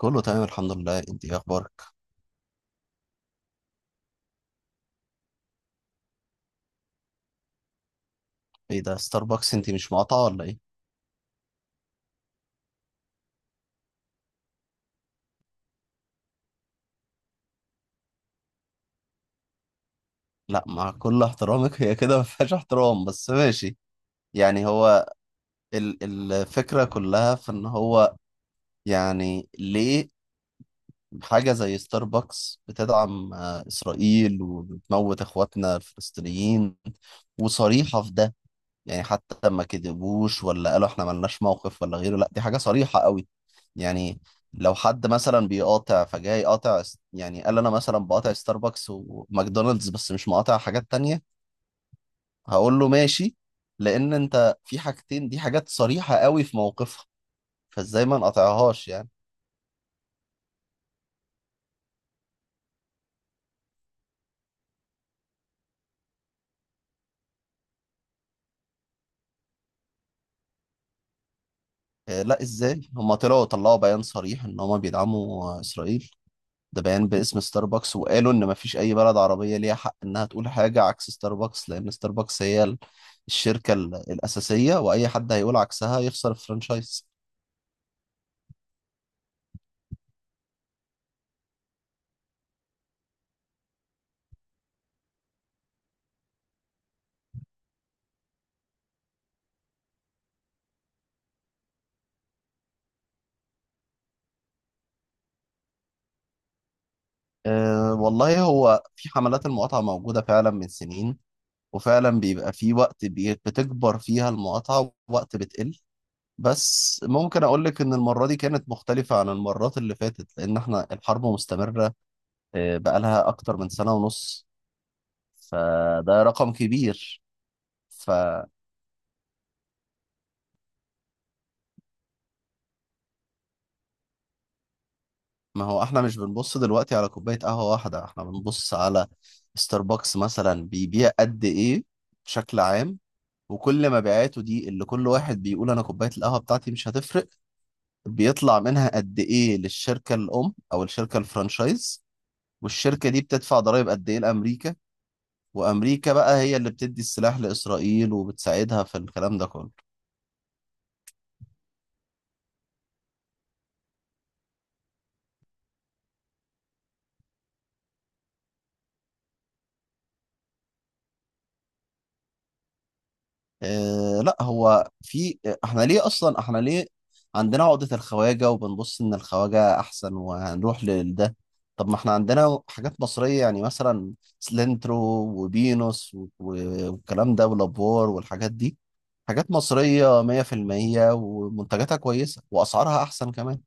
كله تمام، الحمد لله. انت ايه اخبارك؟ ايه ده؟ ستاربكس؟ انت مش مقاطعه ولا ايه؟ لا، مع كل احترامك هي كده ما فيهاش احترام، بس ماشي. يعني هو، ال الفكره كلها في ان هو، يعني ليه؟ حاجه زي ستاربكس بتدعم اسرائيل وبتموت اخواتنا الفلسطينيين، وصريحه في ده. يعني حتى ما كذبوش ولا قالوا احنا ملناش موقف ولا غيره. لا، دي حاجة صريحة قوي. يعني لو حد مثلا بيقاطع، فجاي قاطع يعني قال انا مثلا بقاطع ستاربكس وماكدونالدز بس مش مقاطع حاجات تانية، هقول له ماشي. لان انت في حاجتين دي حاجات صريحة قوي في موقفها، فازاي ما نقاطعهاش يعني؟ لا، ازاي؟ هما طلعوا بيان صريح ان هما بيدعموا اسرائيل. ده بيان باسم ستاربكس، وقالوا ان مفيش اي بلد عربية ليها حق انها تقول حاجة عكس ستاربكس، لان ستاربكس هي الشركة الاساسية، واي حد هيقول عكسها يخسر الفرنشايز. أه والله، هو في حملات المقاطعة موجودة فعلا من سنين، وفعلا بيبقى في وقت بتكبر فيها المقاطعة ووقت بتقل. بس ممكن اقول لك ان المرة دي كانت مختلفة عن المرات اللي فاتت، لان احنا الحرب مستمرة. بقالها اكتر من سنة ونص، فده رقم كبير. ف ما هو احنا مش بنبص دلوقتي على كوباية قهوة واحدة، احنا بنبص على ستاربكس مثلا بيبيع قد ايه بشكل عام، وكل مبيعاته دي اللي كل واحد بيقول انا كوباية القهوة بتاعتي مش هتفرق، بيطلع منها قد ايه للشركة الام او الشركة الفرانشايز؟ والشركة دي بتدفع ضرائب قد ايه لامريكا؟ وامريكا بقى هي اللي بتدي السلاح لاسرائيل وبتساعدها في الكلام ده كله. آه لا، هو في، احنا ليه اصلا، احنا ليه عندنا عقدة الخواجة وبنبص ان الخواجة احسن وهنروح لده؟ طب ما احنا عندنا حاجات مصرية يعني، مثلا سلنترو وبينوس والكلام ده، ولابور والحاجات دي، حاجات مصرية 100% ومنتجاتها كويسة واسعارها احسن كمان.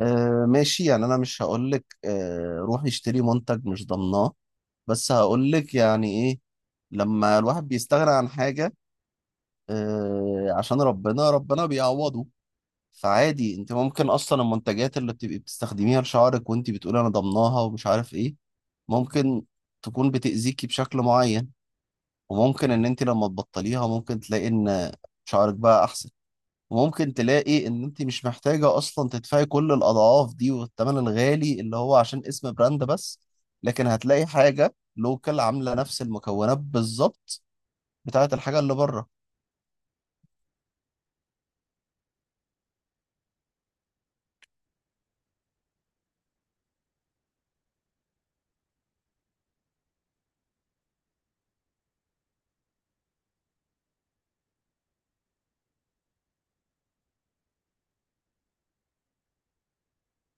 آه ماشي، يعني انا مش هقولك آه روح اشتري منتج مش ضمناه، بس هقولك يعني ايه لما الواحد بيستغنى عن حاجة عشان ربنا ربنا بيعوضه. فعادي، انت ممكن اصلا المنتجات اللي بتبقي بتستخدميها لشعرك وانت بتقولي انا ضمناها ومش عارف ايه، ممكن تكون بتأذيكي بشكل معين، وممكن ان انت لما تبطليها ممكن تلاقي ان شعرك بقى احسن، وممكن تلاقي ان انت مش محتاجة اصلا تدفعي كل الاضعاف دي والثمن الغالي اللي هو عشان اسم براند بس، لكن هتلاقي حاجة لوكال عاملة نفس المكونات بالظبط بتاعت الحاجة اللي بره.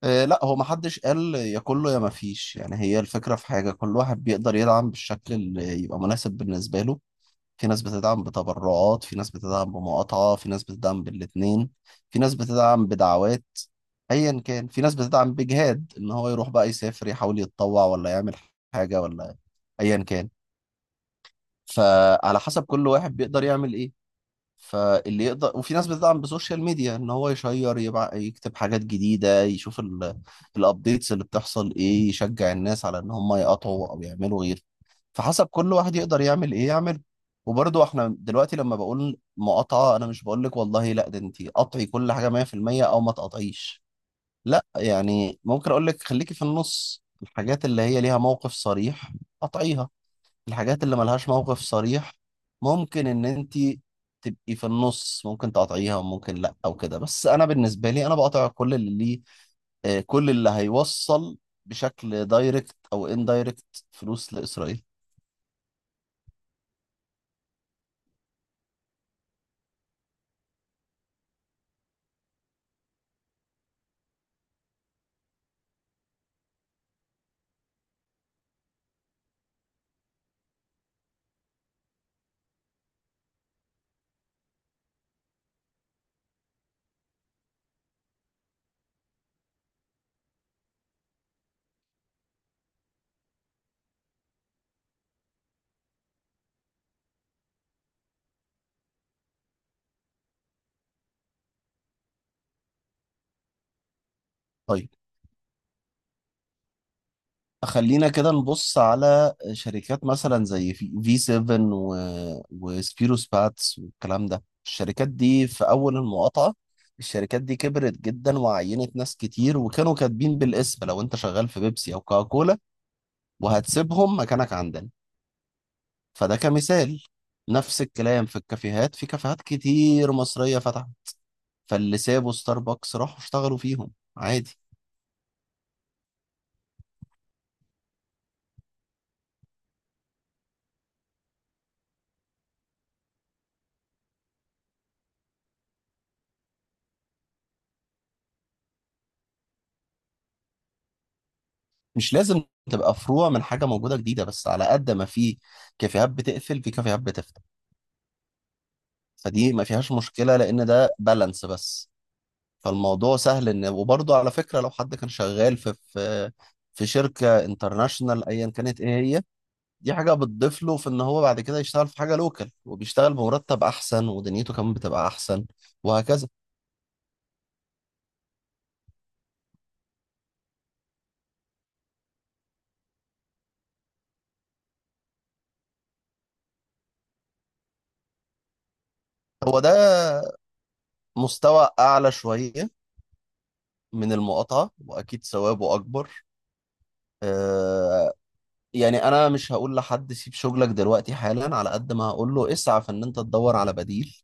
لا، هو ما حدش قال يا كله يا ما فيش. يعني هي الفكرة في حاجة كل واحد بيقدر يدعم بالشكل اللي يبقى مناسب بالنسبة له. في ناس بتدعم بتبرعات، في ناس بتدعم بمقاطعة، في ناس بتدعم بالاتنين، في ناس بتدعم بدعوات، ايا كان. في ناس بتدعم بجهاد ان هو يروح بقى يسافر يحاول يتطوع ولا يعمل حاجة، ولا ايا كان. فعلى حسب كل واحد بيقدر يعمل ايه، فاللي يقدر. وفي ناس بتدعم بسوشيال ميديا، ان هو يشير يكتب حاجات جديده، يشوف الابديتس اللي بتحصل ايه، يشجع الناس على ان هم يقطعوا او يعملوا غير. فحسب كل واحد يقدر يعمل ايه يعمل. وبرضه احنا دلوقتي لما بقول مقاطعه، انا مش بقول لك والله لا ده انت قطعي كل حاجه 100% او ما تقطعيش. لا يعني، ممكن اقول لك خليكي في النص. الحاجات اللي هي ليها موقف صريح قطعيها، الحاجات اللي ملهاش موقف صريح ممكن ان انت تبقي في النص، ممكن تقاطعيها وممكن لا او كده. بس انا بالنسبه لي، انا بقاطع كل اللي ليه كل اللي هيوصل بشكل دايركت او اندايركت فلوس لاسرائيل. طيب، خلينا كده نبص على شركات مثلا زي في في 7 وسبيروس باتس والكلام ده. الشركات دي في اول المقاطعه، الشركات دي كبرت جدا وعينت ناس كتير، وكانوا كاتبين بالاسم لو انت شغال في بيبسي او كوكاكولا وهتسيبهم، مكانك عندنا. فده كمثال. نفس الكلام في الكافيهات، في كافيهات كتير مصرية فتحت، فاللي سابوا ستاربكس راحوا اشتغلوا فيهم، عادي. مش لازم تبقى فروع من حاجة موجودة جديدة، بس على قد ما في كافيهات بتقفل، في كافيهات بتفتح. فدي ما فيهاش مشكلة، لأن ده بالانس بس. فالموضوع سهل إن، وبرضه على فكرة، لو حد كان شغال في في شركة انترناشونال أيا كانت إيه هي، دي حاجة بتضيف له في ان هو بعد كده يشتغل في حاجة لوكال، وبيشتغل بمرتب احسن ودنيته كمان بتبقى احسن، وهكذا. هو ده مستوى اعلى شوية من المقاطعة واكيد ثوابه اكبر. آه، يعني انا مش هقول لحد سيب شغلك دلوقتي حالا، على قد ما هقول له اسعى في ان انت تدور على بديل.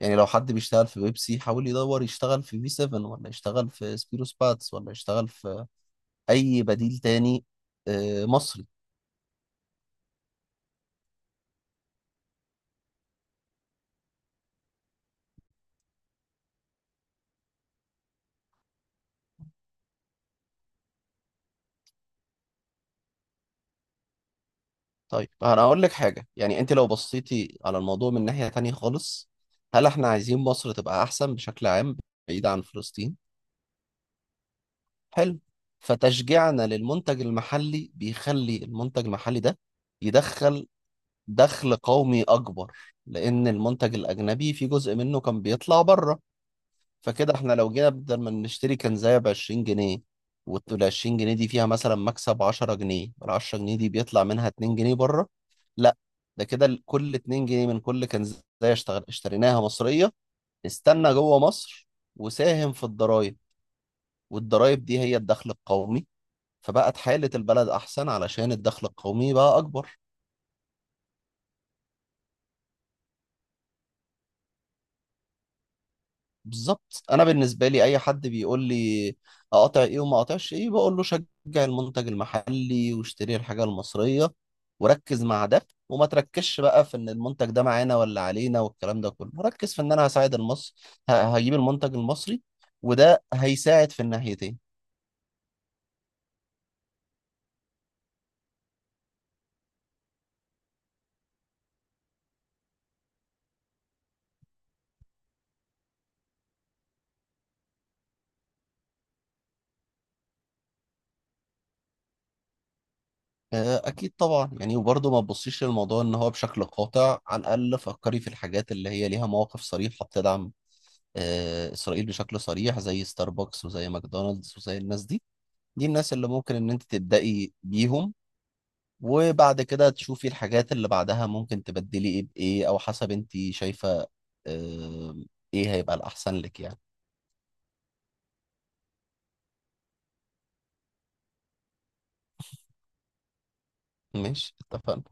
يعني لو حد بيشتغل في بيبسي، حاول يدور يشتغل في في 7، ولا يشتغل في سبيروس باتس، ولا يشتغل في اي بديل تاني، مصري. طيب انا اقول لك حاجه، يعني انت لو بصيتي على الموضوع من ناحيه تانية خالص، هل احنا عايزين مصر تبقى احسن بشكل عام، بعيد عن فلسطين؟ حلو. فتشجيعنا للمنتج المحلي بيخلي المنتج المحلي ده يدخل دخل قومي اكبر، لان المنتج الاجنبي في جزء منه كان بيطلع بره. فكده احنا لو جينا بدل ما نشتري كنزاية ب 20 جنيه، وال 20 جنيه دي فيها مثلا مكسب 10 جنيه، ال 10 جنيه دي بيطلع منها 2 جنيه بره. لا، ده كده كل 2 جنيه من كل كنزاية اشتغل اشتريناها مصرية، استنى جوه مصر وساهم في الضرايب، والضرايب دي هي الدخل القومي. فبقت حالة البلد أحسن علشان الدخل القومي بقى أكبر. بالظبط. انا بالنسبه لي، اي حد بيقول لي اقطع ايه وما اقطعش ايه، بقول له شجع المنتج المحلي واشتري الحاجه المصريه، وركز مع ده وما تركزش بقى في ان المنتج ده معانا ولا علينا والكلام ده كله. ركز في ان انا هساعد المصري، هجيب المنتج المصري، وده هيساعد في الناحيتين. اكيد طبعا. يعني وبرضه ما تبصيش للموضوع ان هو بشكل قاطع، على الاقل فكري في الحاجات اللي هي ليها مواقف صريحه بتدعم اسرائيل بشكل صريح، زي ستاربكس وزي ماكدونالدز وزي الناس دي. دي الناس اللي ممكن ان انت تبدأي بيهم، وبعد كده تشوفي الحاجات اللي بعدها ممكن تبدلي ايه بايه، او حسب انت شايفة آه، ايه هيبقى الاحسن لك يعني. ماشي، اتفقنا.